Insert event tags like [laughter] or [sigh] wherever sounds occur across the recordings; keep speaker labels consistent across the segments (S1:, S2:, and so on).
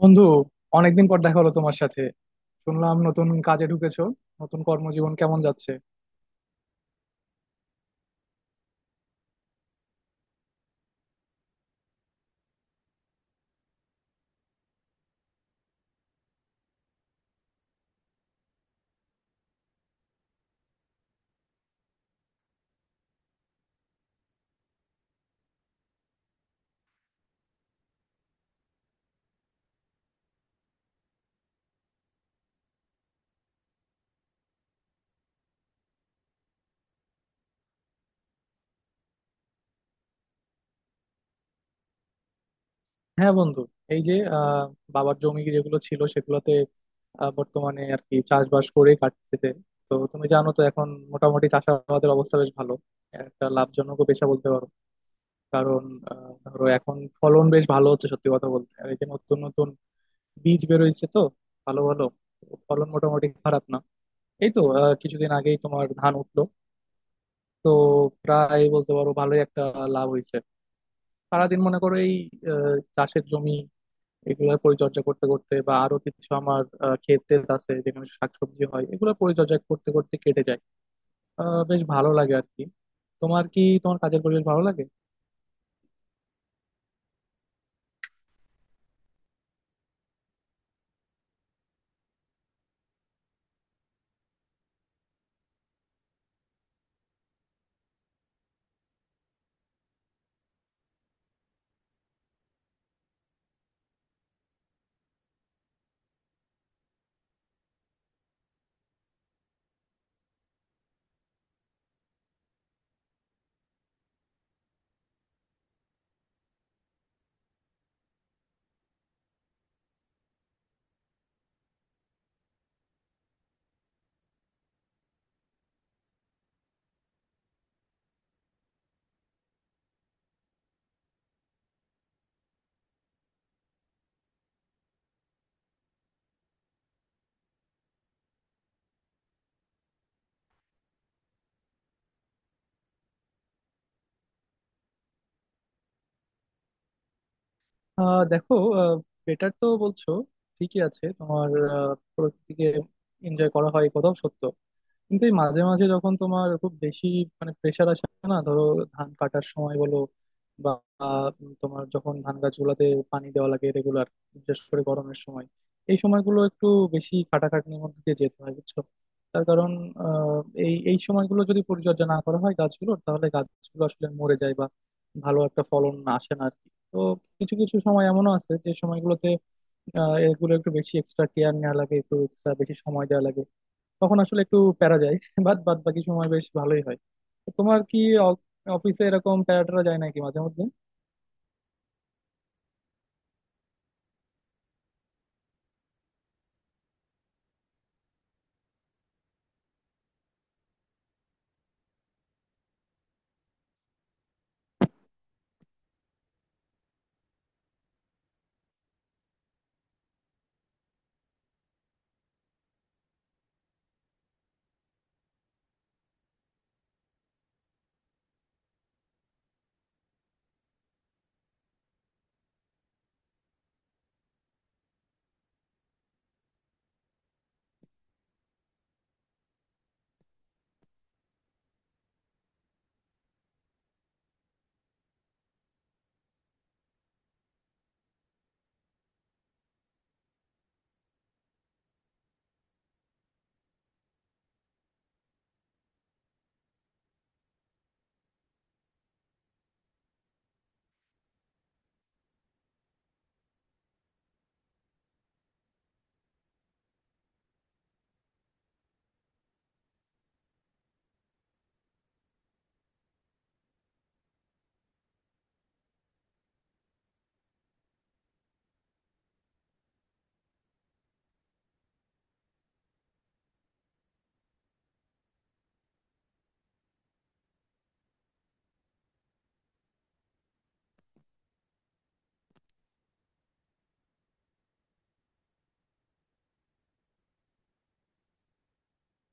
S1: বন্ধু, অনেকদিন পর দেখা হলো তোমার সাথে। শুনলাম নতুন কাজে ঢুকেছো। নতুন কর্মজীবন কেমন যাচ্ছে? হ্যাঁ বন্ধু, এই যে বাবার জমি যেগুলো ছিল সেগুলোতে বর্তমানে আর কি চাষবাস করে কাটতেছে। তো তুমি জানো তো এখন মোটামুটি চাষাবাদের অবস্থা বেশ ভালো, একটা লাভজনক পেশা বলতে পারো। কারণ ধরো এখন ফলন বেশ ভালো হচ্ছে সত্যি কথা বলতে, আর এই যে নতুন নতুন বীজ বেরোইছে তো, ভালো ভালো, তো ফলন মোটামুটি খারাপ না। এই তো কিছুদিন আগেই তোমার ধান উঠলো, তো প্রায় বলতে পারো ভালোই একটা লাভ হইছে। সারাদিন মনে করো এই চাষের জমি, এগুলোর পরিচর্যা করতে করতে, বা আরো কিছু আমার ক্ষেত টেত আছে যেখানে শাকসবজি হয়, এগুলো পরিচর্যা করতে করতে কেটে যায়। বেশ ভালো লাগে আর কি। তোমার কি, তোমার কাজের পরিবেশ ভালো লাগে? দেখো, বেটার তো বলছো, ঠিকই আছে। তোমার প্রকৃতিকে এনজয় করা হয়, এই কথাও সত্য। কিন্তু এই মাঝে মাঝে যখন তোমার খুব বেশি মানে প্রেশার আসে, না ধরো, ধান কাটার সময় বলো বা আহ, তোমার যখন ধান গাছগুলোতে পানি দেওয়া লাগে রেগুলার, বিশেষ করে গরমের সময়, এই সময়গুলো একটু বেশি খাটাখাটনির মধ্যে দিয়ে যেতে হয় বুঝছো। তার কারণ আহ, এই এই সময়গুলো যদি পরিচর্যা না করা হয় গাছগুলোর, তাহলে গাছগুলো আসলে মরে যায় বা ভালো একটা ফলন আসে না আর কি। তো কিছু কিছু সময় এমনও আছে যে সময়গুলোতে এগুলো একটু বেশি এক্সট্রা কেয়ার নেওয়া লাগে, একটু এক্সট্রা বেশি সময় দেওয়া লাগে, তখন আসলে একটু প্যারা যায়। বাদ বাদ বাকি সময় বেশ ভালোই হয়। তো তোমার কি অ- অফিসে এরকম প্যারা ট্যারা যায় নাকি মাঝে মধ্যে?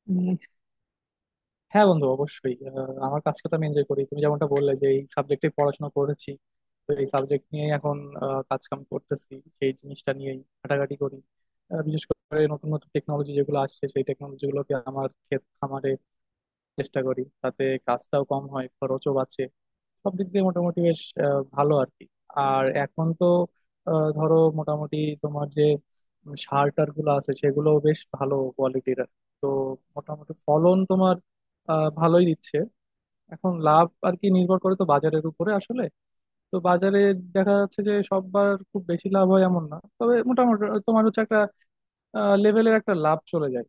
S1: উম, হ্যাঁ বন্ধু, অবশ্যই আমার কাজকে তো আমি এনজয় করি। তুমি যেমনটা বললে, যে এই সাবজেক্টে পড়াশোনা করেছি, তো এই সাবজেক্ট নিয়েই এখন কাজ কাম করতেছি। সেই জিনিসটা নিয়েই ঘাটাঘাটি করি। বিশেষ করে নতুন নতুন টেকনোলজি যেগুলো আসছে, সেই টেকনোলজি গুলোকে আমার ক্ষেত খামারে চেষ্টা করি, তাতে কাজটাও কম হয়, খরচও বাঁচে। সব দিক দিয়ে মোটামুটি বেশ ভালো আর কি। আর এখন তো ধরো মোটামুটি তোমার যে সার টার গুলো আছে সেগুলো বেশ ভালো কোয়ালিটির, তো মোটামুটি ফলন তোমার ভালোই দিচ্ছে। এখন লাভ আর কি নির্ভর করে তো বাজারের উপরে আসলে। তো বাজারে দেখা যাচ্ছে যে সববার খুব বেশি লাভ হয় এমন না, তবে মোটামুটি তোমার হচ্ছে একটা লেভেলের একটা লাভ চলে যায়,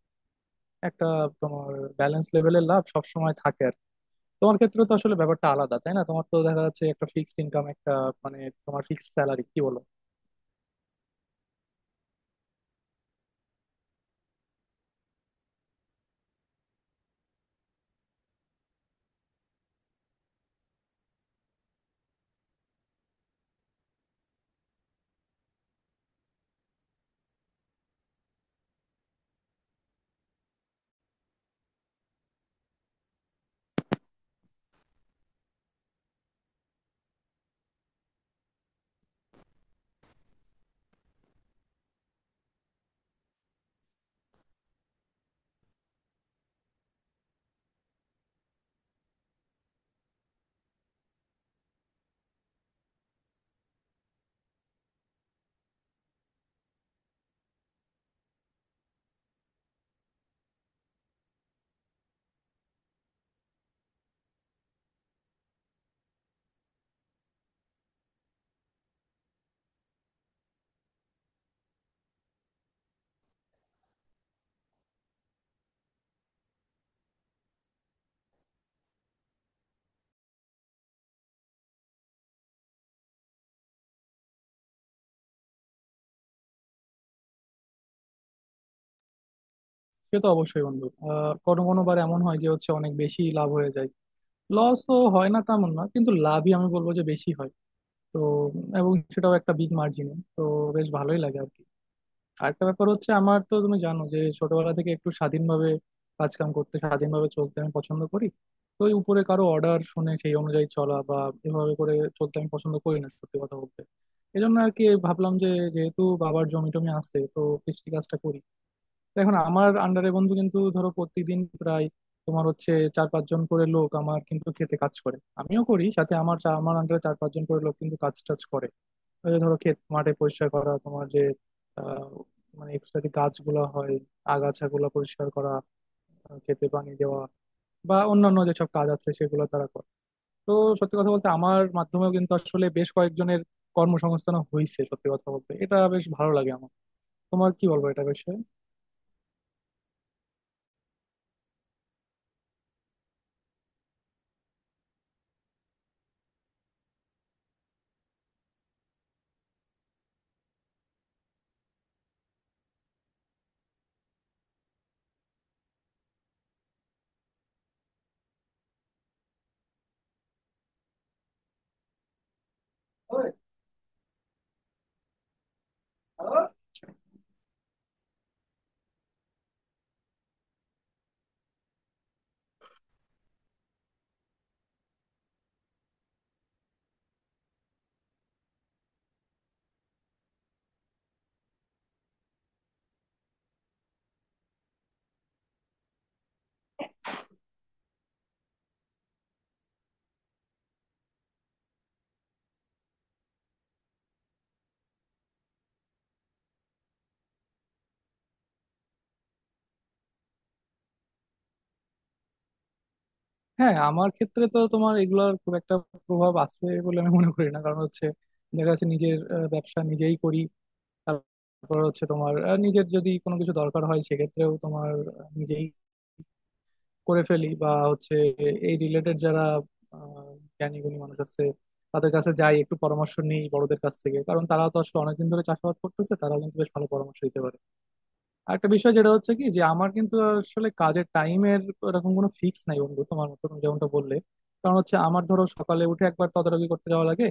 S1: একটা তোমার ব্যালেন্স লেভেলের লাভ সবসময় থাকে আর কি। তোমার ক্ষেত্রে তো আসলে ব্যাপারটা আলাদা, তাই না? তোমার তো দেখা যাচ্ছে একটা ফিক্সড ইনকাম, একটা মানে তোমার ফিক্সড স্যালারি, কি বলো? সে তো অবশ্যই বন্ধু, আর কোনো কোনো বার এমন হয় যে হচ্ছে অনেক বেশি লাভ হয়ে যায়। লসও হয় না তেমন, না কিন্তু লাভই আমি বলবো যে বেশি হয়। তো এবং সেটাও একটা বিগ মার্জিনে, তো বেশ ভালোই লাগে আর কি। আরেকটা ব্যাপার হচ্ছে, আমার তো তুমি জানো যে ছোটবেলা থেকে একটু স্বাধীনভাবে কাজ কাম করতে, স্বাধীনভাবে চলতে আমি পছন্দ করি। তো ওই উপরে কারো অর্ডার শুনে সেই অনুযায়ী চলা, বা এভাবে করে চলতে আমি পছন্দ করি না সত্যি কথা বলতে। এই জন্য আর কি ভাবলাম যে যেহেতু বাবার জমি টমি আছে তো কৃষি কাজটা করি। তো এখন আমার আন্ডারে বন্ধু কিন্তু ধরো প্রতিদিন প্রায় তোমার হচ্ছে চার পাঁচজন করে লোক আমার কিন্তু খেতে কাজ করে, আমিও করি সাথে। আমার আমার আন্ডারে চার পাঁচজন করে লোক কিন্তু কাজ টাজ করে। ওই যে ধরো ক্ষেত মাঠে পরিষ্কার করা, তোমার যে আহ, মানে এক্সট্রা যে গাছগুলো হয়, আগাছাগুলো পরিষ্কার করা, ক্ষেতে পানি দেওয়া, বা অন্যান্য যেসব কাজ আছে সেগুলো তারা করে। তো সত্যি কথা বলতে আমার মাধ্যমেও কিন্তু আসলে বেশ কয়েকজনের কর্মসংস্থান হয়েছে, সত্যি কথা বলতে এটা বেশ ভালো লাগে আমার। তোমার কি বলবো এটা বিষয়ে? হ্যাঁ আমার ক্ষেত্রে তো তোমার এগুলোর খুব একটা প্রভাব আছে বলে আমি মনে করি না। কারণ হচ্ছে দেখা যাচ্ছে নিজের ব্যবসা নিজেই করি। তারপর হচ্ছে তোমার নিজের যদি কোনো কিছু দরকার হয় সেক্ষেত্রেও তোমার নিজেই করে ফেলি, বা হচ্ছে এই রিলেটেড যারা আহ, জ্ঞানী গুণী মানুষ আছে, তাদের কাছে যাই একটু পরামর্শ নিই, বড়দের কাছ থেকে। কারণ তারা তো আসলে অনেকদিন ধরে চাষাবাদ করতেছে, তারা কিন্তু বেশ ভালো পরামর্শ দিতে পারে। আরেকটা বিষয় যেটা হচ্ছে কি, যে আমার কিন্তু আসলে কাজের টাইমের এরকম কোনো ফিক্স নাই বন্ধু, তোমার মতো, তুমি যেমনটা বললে। কারণ হচ্ছে আমার ধরো সকালে উঠে একবার তদারকি করতে যাওয়া লাগে,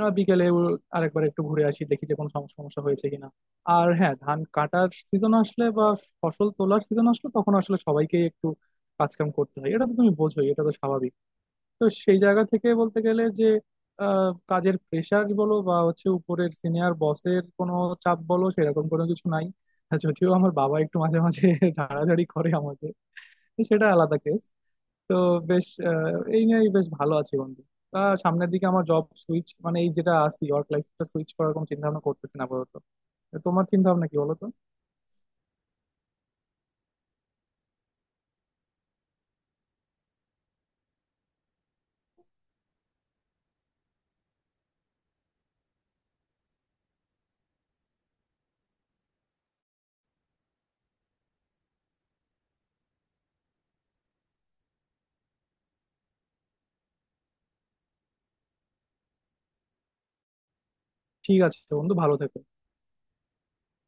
S1: বিকেলে ও আরেকবার একটু ঘুরে আসি, দেখি যে কোনো সমস্যা হয়েছে কিনা। আর হ্যাঁ ধান কাটার সিজন আসলে বা ফসল তোলার সিজন আসলে তখন আসলে সবাইকেই একটু কাজকাম করতে হয়, এটা তো তুমি বোঝোই, এটা তো স্বাভাবিক। তো সেই জায়গা থেকে বলতে গেলে যে কাজের প্রেশার বলো বা হচ্ছে উপরের সিনিয়র বসের কোনো চাপ বলো, সেরকম কোনো কিছু নাই। আর যদিও আমার বাবা একটু মাঝে মাঝে [laughs] ঝাড়াঝাড়ি করে আমাকে, তো সেটা আলাদা কেস। তো বেশ এই নিয়েই বেশ ভালো আছি বন্ধু। তা সামনের দিকে আমার জব সুইচ মানে এই যেটা আছি ওয়ার্ক লাইফটা সুইচ করার কোনো চিন্তা ভাবনা করতেছি না আপাতত। তো তোমার চিন্তা ভাবনা কি বলো তো? ঠিক আছে বন্ধু, ভালো থেকো।